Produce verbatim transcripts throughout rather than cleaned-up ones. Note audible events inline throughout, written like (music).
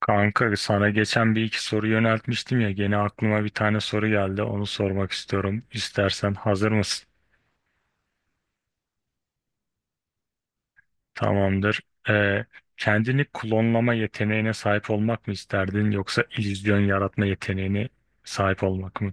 Kanka sana geçen bir iki soru yöneltmiştim ya gene aklıma bir tane soru geldi onu sormak istiyorum. İstersen hazır mısın? Tamamdır. Ee, kendini klonlama yeteneğine sahip olmak mı isterdin yoksa illüzyon yaratma yeteneğine sahip olmak mı?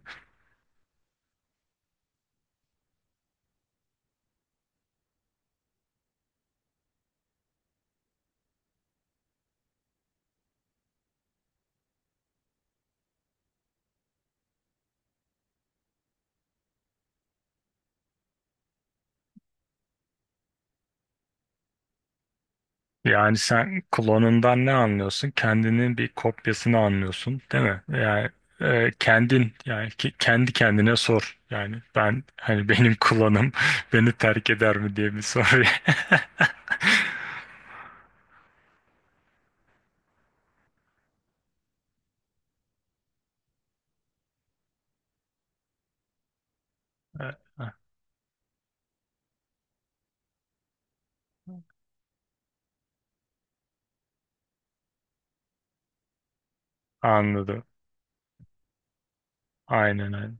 Yani sen klonundan ne anlıyorsun? Kendinin bir kopyasını anlıyorsun, değil mi? Yani e, kendin yani ki- kendi kendine sor. Yani ben hani benim klonum (laughs) beni terk eder mi diye bir soru. (laughs) Anladım. Aynen aynen.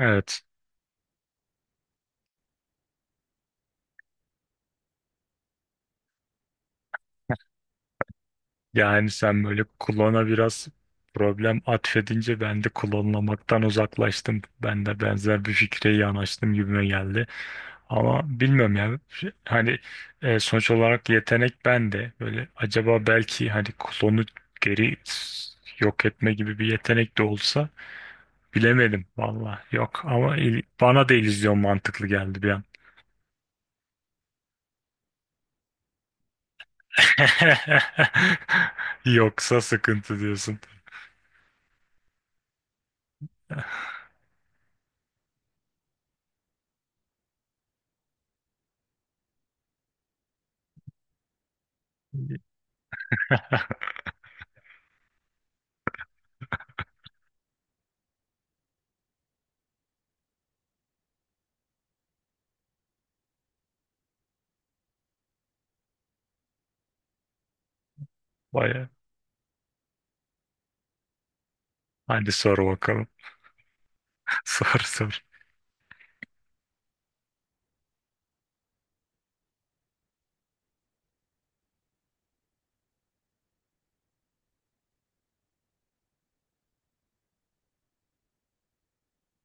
Evet. Yani sen böyle klona biraz problem atfedince ben de klonlamaktan uzaklaştım. Ben de benzer bir fikre yanaştım gibime geldi. Ama bilmiyorum ya. Şey- Hani e, sonuç olarak yetenek bende. Böyle acaba belki hani klonu geri s- yok etme gibi bir yetenek de olsa bilemedim valla. Yok ama il- bana da illüzyon mantıklı geldi bir an. (laughs) Yoksa sıkıntı diyorsun. (laughs) Baya. Hadi sor bakalım. (laughs) Sor sor.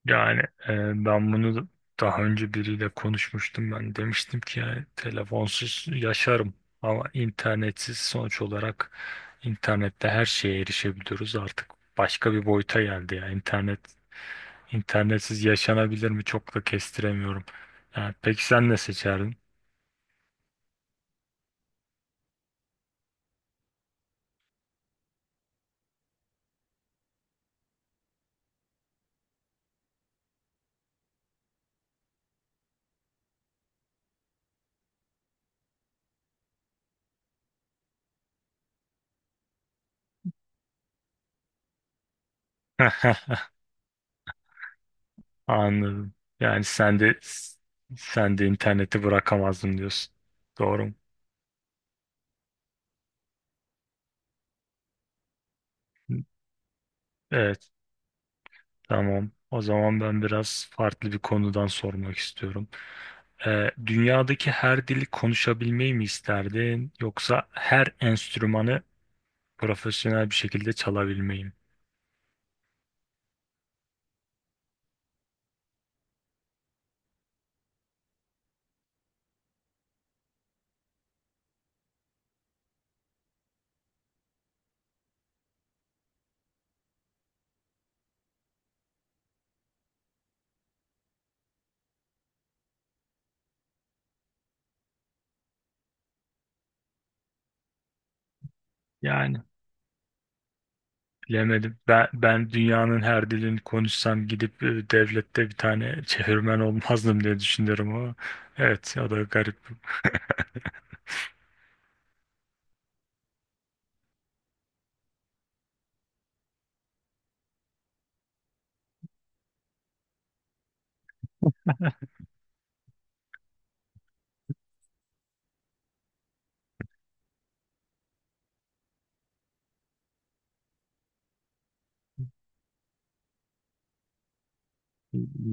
Yani e, ben bunu daha önce biriyle konuşmuştum ben demiştim ki yani telefonsuz yaşarım ama internetsiz sonuç olarak internette her şeye erişebiliyoruz artık başka bir boyuta geldi ya internet internetsiz yaşanabilir mi çok da kestiremiyorum. Yani peki sen ne seçerdin? (laughs) Anladım. Yani sen de sen de interneti bırakamazdın diyorsun. Doğru mu? Evet. Tamam. O zaman ben biraz farklı bir konudan sormak istiyorum. Ee, dünyadaki her dili konuşabilmeyi mi isterdin yoksa her enstrümanı profesyonel bir şekilde çalabilmeyi mi? Ya bilemedim. Ben, ben dünyanın her dilini konuşsam gidip e, devlette bir tane çevirmen olmazdım diye düşünüyorum ama evet o da garip. (laughs)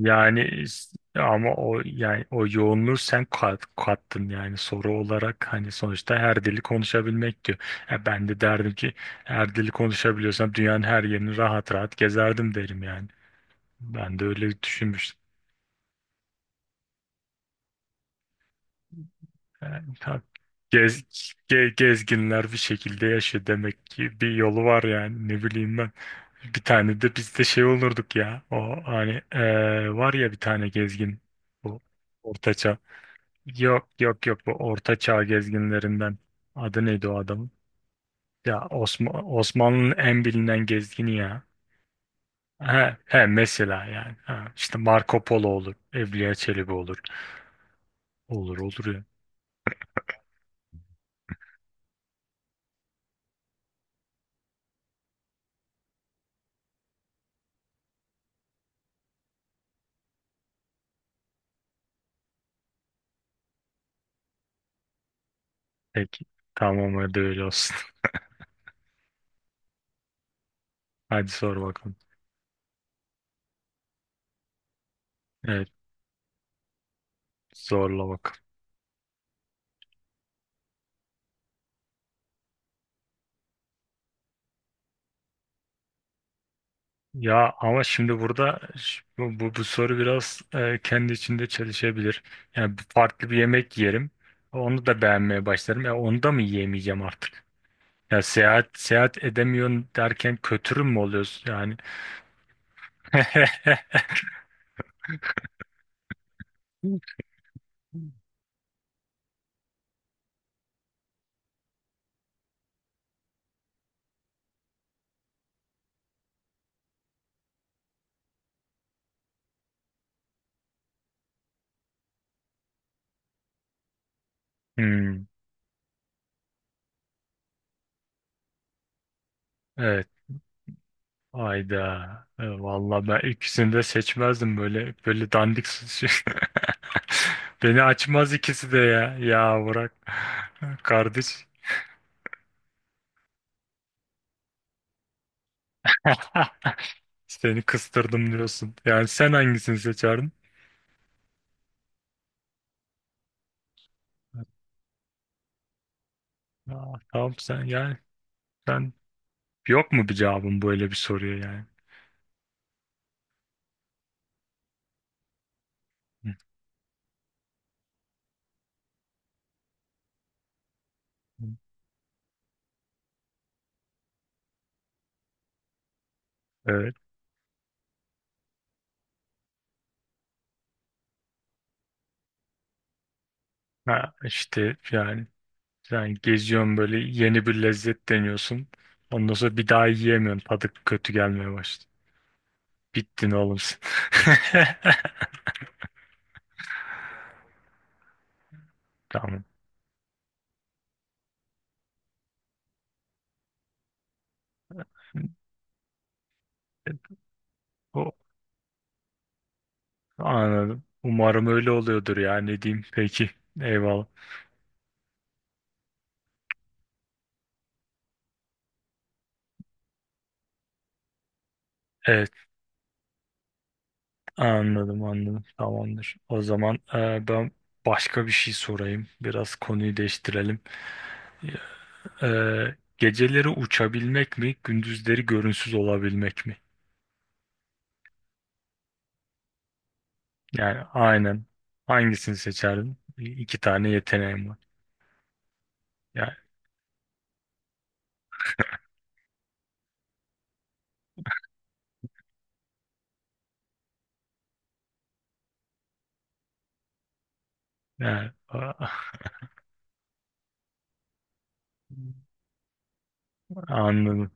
Yani s- ama o yani o yoğunluğu sen kat, kattın yani soru olarak hani sonuçta her dili konuşabilmek diyor. E ben de derdim ki her dili konuşabiliyorsam dünyanın her yerini rahat rahat gezerdim derim yani. Ben de öyle düşünmüştüm. Yani tabii gez, ge- gezginler bir şekilde yaşıyor demek ki bir yolu var yani ne bileyim ben. Bir tane de biz de şey olurduk ya o hani e, var ya bir tane gezgin bu ortaçağ. Yok yok yok, bu Orta Çağ gezginlerinden. Adı neydi o adamın? Ya Osman, Osmanlı'nın en bilinen gezgini ya. He, he mesela yani. Ha, işte Marco Polo olur. Evliya Çelebi olur. Olur olur ya. Peki. Tamam, hadi öyle olsun. (laughs) Hadi sor bakalım. Evet, zorla bakalım. Ya ama şimdi burada ş- bu, bu, bu soru biraz e, kendi içinde çelişebilir. Yani bu farklı bir yemek yerim. Onu da beğenmeye başlarım. Ya onu da mı yiyemeyeceğim artık? Ya seyahat seyahat edemiyorsun derken kötürüm mü oluyoruz yani? (laughs) Hmm, evet. Ayda. E, vallahi ben ikisini de seçmezdim böyle böyle dandik s- şey. (laughs) Beni açmaz ikisi de ya. Ya bırak. (laughs) Kardeş. (laughs) Seni kıstırdım diyorsun. Yani sen hangisini seçerdin? Aa, tamam sen yani sen yok mu bir cevabın böyle bir soruya yani? Hı. Hı. Evet. Ha, işte yani sen geziyorsun böyle yeni bir lezzet deniyorsun. Ondan sonra bir daha yiyemiyorsun. Tadı kötü gelmeye başladı. Bittin oğlum sen. (laughs) Tamam. O, anladım. Umarım öyle oluyordur ya ne diyeyim. Peki. Eyvallah. Ee, Anladım anladım tamamdır. O zaman e, ben başka bir şey sorayım. Biraz konuyu değiştirelim. E, geceleri uçabilmek mi, gündüzleri görünsüz olabilmek mi? Yani aynen. Hangisini seçerdin? İki tane yeteneğim var. Yani, yani, ah, anladım.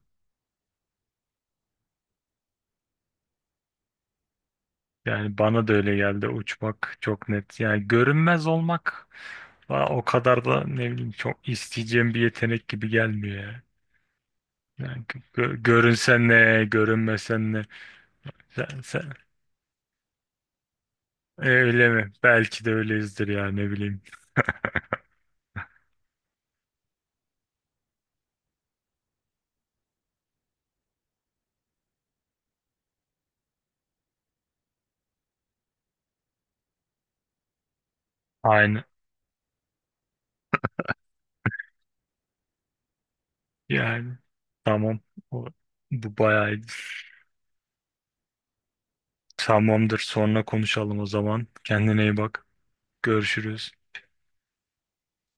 Yani bana da öyle geldi, uçmak çok net. Yani görünmez olmak bana o kadar da ne bileyim çok isteyeceğim bir yetenek gibi gelmiyor ya. Yani gö- görünsen ne, görünmesen ne. Sen, sen, E, öyle mi? Belki de öyleyizdir ya ne bileyim. Aynen. Yani tamam. O, bu bayağı iyi. Tamamdır. Sonra konuşalım o zaman. Kendine iyi bak. Görüşürüz.